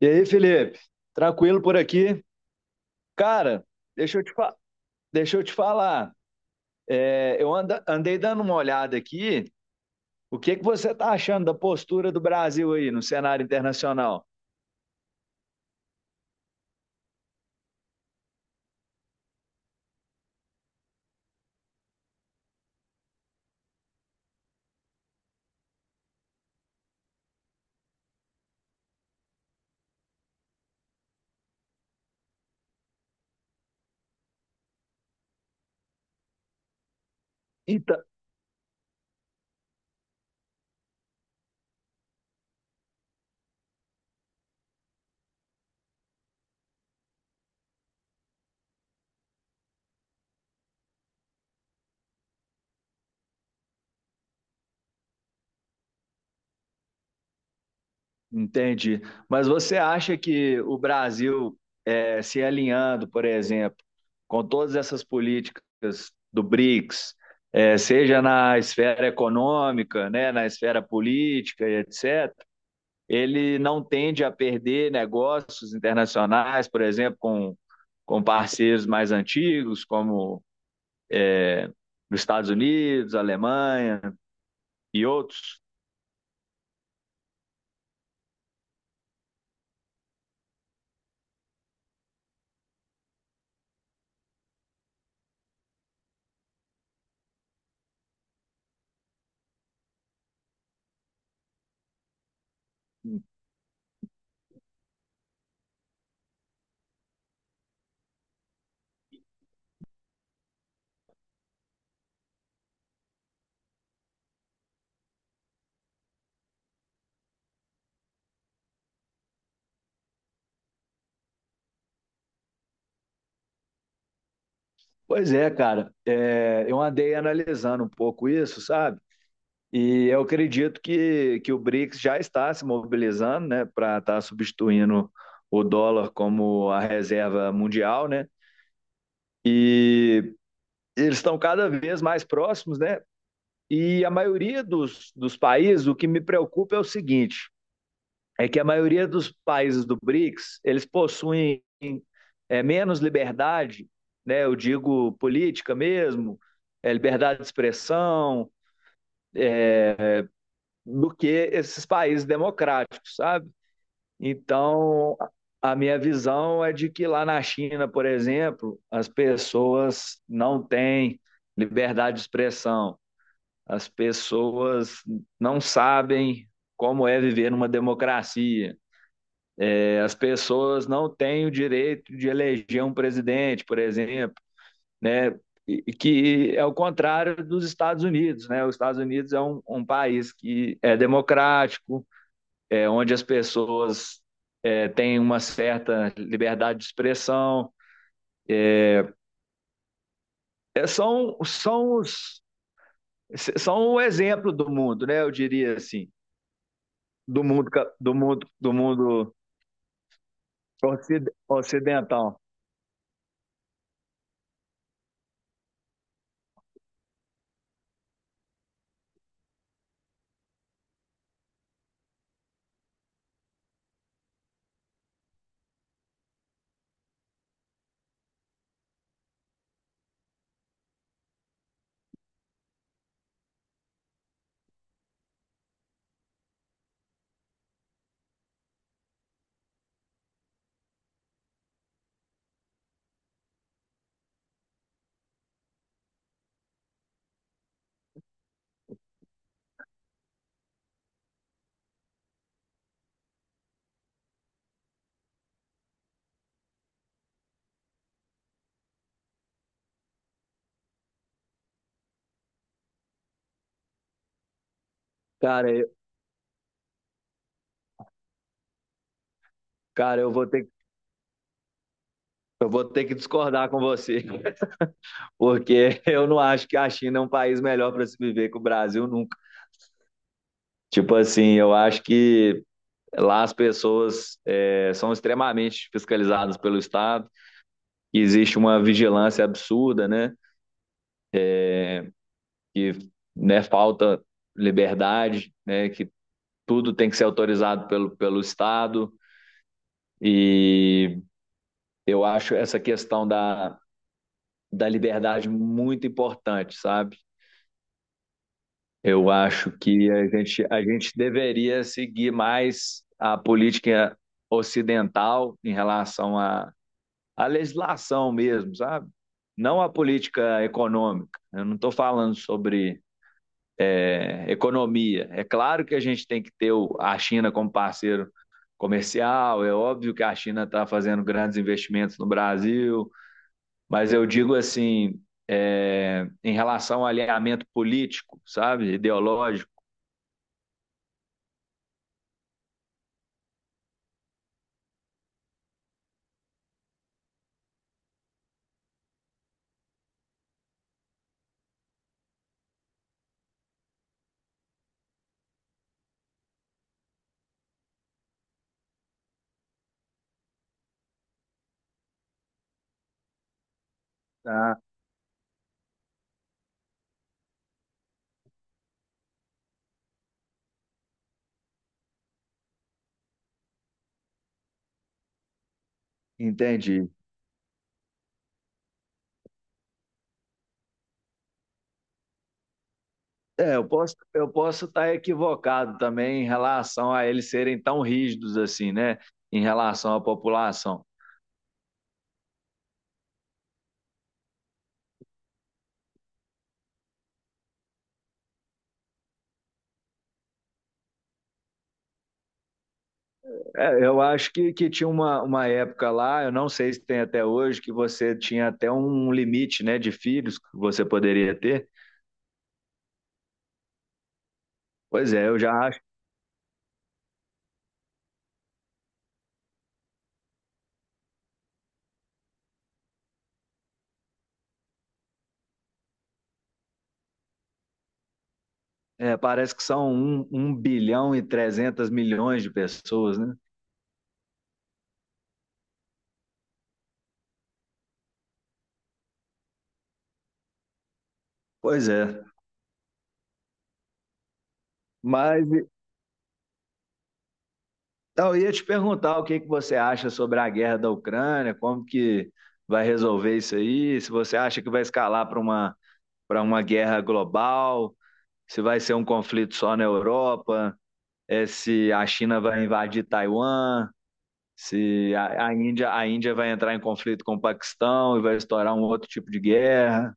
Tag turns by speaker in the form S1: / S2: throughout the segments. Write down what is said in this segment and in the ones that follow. S1: E aí, Felipe? Tranquilo por aqui? Cara, deixa eu te, fa- deixa eu te falar. Andei dando uma olhada aqui. O que que você está achando da postura do Brasil aí no cenário internacional? Então, entendi. Mas você acha que o Brasil se alinhando, por exemplo, com todas essas políticas do BRICS, seja na esfera econômica, né, na esfera política e etc., ele não tende a perder negócios internacionais, por exemplo, com parceiros mais antigos, como os Estados Unidos, Alemanha e outros. Pois é, cara. Eu andei analisando um pouco isso, sabe? E eu acredito que o BRICS já está se mobilizando, né, para estar tá substituindo o dólar como a reserva mundial, né? E eles estão cada vez mais próximos, né? E a maioria dos países, o que me preocupa é o seguinte: é que a maioria dos países do BRICS eles possuem menos liberdade, né? Eu digo política mesmo, liberdade de expressão, do que esses países democráticos, sabe? Então, a minha visão é de que lá na China, por exemplo, as pessoas não têm liberdade de expressão. As pessoas não sabem como é viver numa democracia. As pessoas não têm o direito de eleger um presidente, por exemplo, né? E que é o contrário dos Estados Unidos, né? Os Estados Unidos é um país que é democrático, é onde as pessoas têm uma certa liberdade de expressão. É, são, são, os, São o exemplo do mundo, né? Eu diria assim, do mundo, do mundo, do mundo Ocidental. Cara, eu, cara, eu vou ter que discordar com você, porque eu não acho que a China é um país melhor para se viver que o Brasil nunca. Tipo assim, eu acho que lá as pessoas são extremamente fiscalizadas pelo Estado, e existe uma vigilância absurda, né? Que né, falta liberdade, né? Que tudo tem que ser autorizado pelo Estado. E eu acho essa questão da liberdade muito importante, sabe? Eu acho que a gente deveria seguir mais a política ocidental em relação à, à legislação mesmo, sabe? Não a política econômica. Eu não estou falando sobre economia. É claro que a gente tem que ter a China como parceiro comercial, é óbvio que a China está fazendo grandes investimentos no Brasil. Mas eu digo assim, em relação ao alinhamento político, sabe? Ideológico. Tá? Entendi. Eu posso estar equivocado também em relação a eles serem tão rígidos assim, né? Em relação à população. Eu acho que tinha uma época lá, eu não sei se tem até hoje, que você tinha até um limite, né, de filhos que você poderia ter. Pois é, eu já acho. Parece que são um bilhão e 300 milhões de pessoas, né? Pois é. Mas então, eu ia te perguntar o que que você acha sobre a guerra da Ucrânia, como que vai resolver isso aí, se você acha que vai escalar para uma guerra global, se vai ser um conflito só na Europa, se a China vai invadir Taiwan, se a Índia, a Índia vai entrar em conflito com o Paquistão e vai estourar um outro tipo de guerra.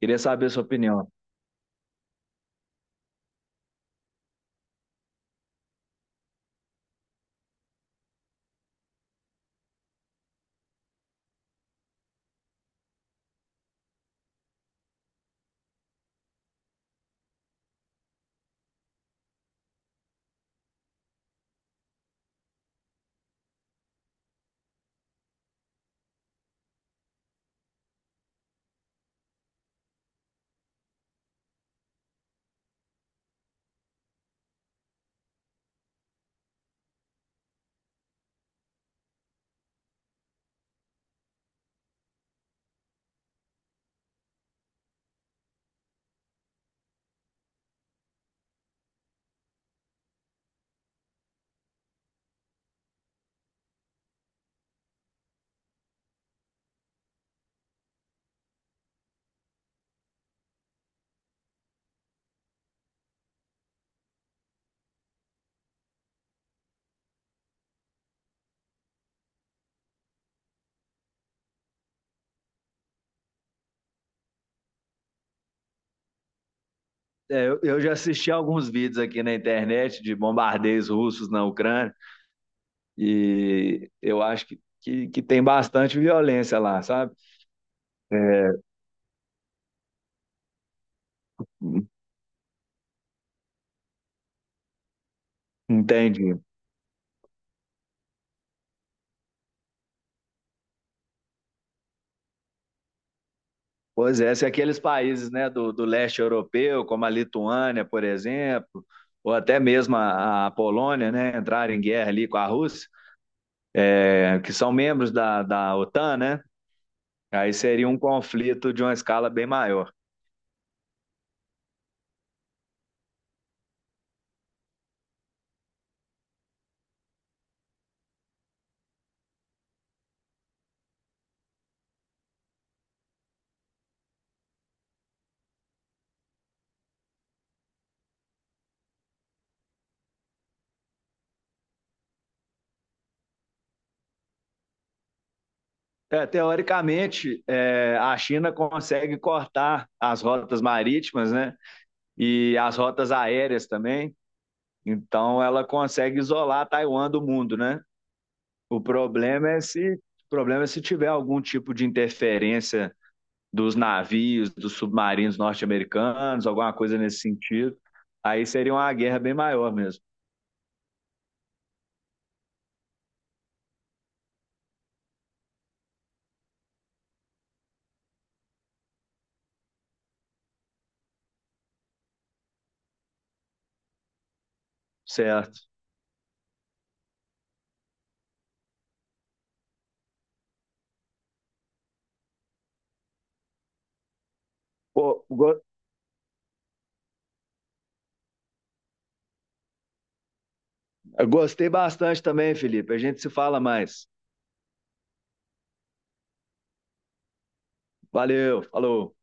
S1: Queria saber a sua opinião. Eu já assisti alguns vídeos aqui na internet de bombardeios russos na Ucrânia. E eu acho que tem bastante violência lá, sabe? É, entendi. Pois é, se aqueles países, né, do leste europeu, como a Lituânia, por exemplo, ou até mesmo a Polônia, né, entrarem em guerra ali com a Rússia, que são membros da OTAN, né? Aí seria um conflito de uma escala bem maior. É, teoricamente, é, a China consegue cortar as rotas marítimas, né? E as rotas aéreas também, então ela consegue isolar Taiwan do mundo, né? O problema é se tiver algum tipo de interferência dos navios, dos submarinos norte-americanos, alguma coisa nesse sentido. Aí seria uma guerra bem maior mesmo, certo? Pô, go- gostei bastante também, Felipe. A gente se fala mais. Valeu, falou.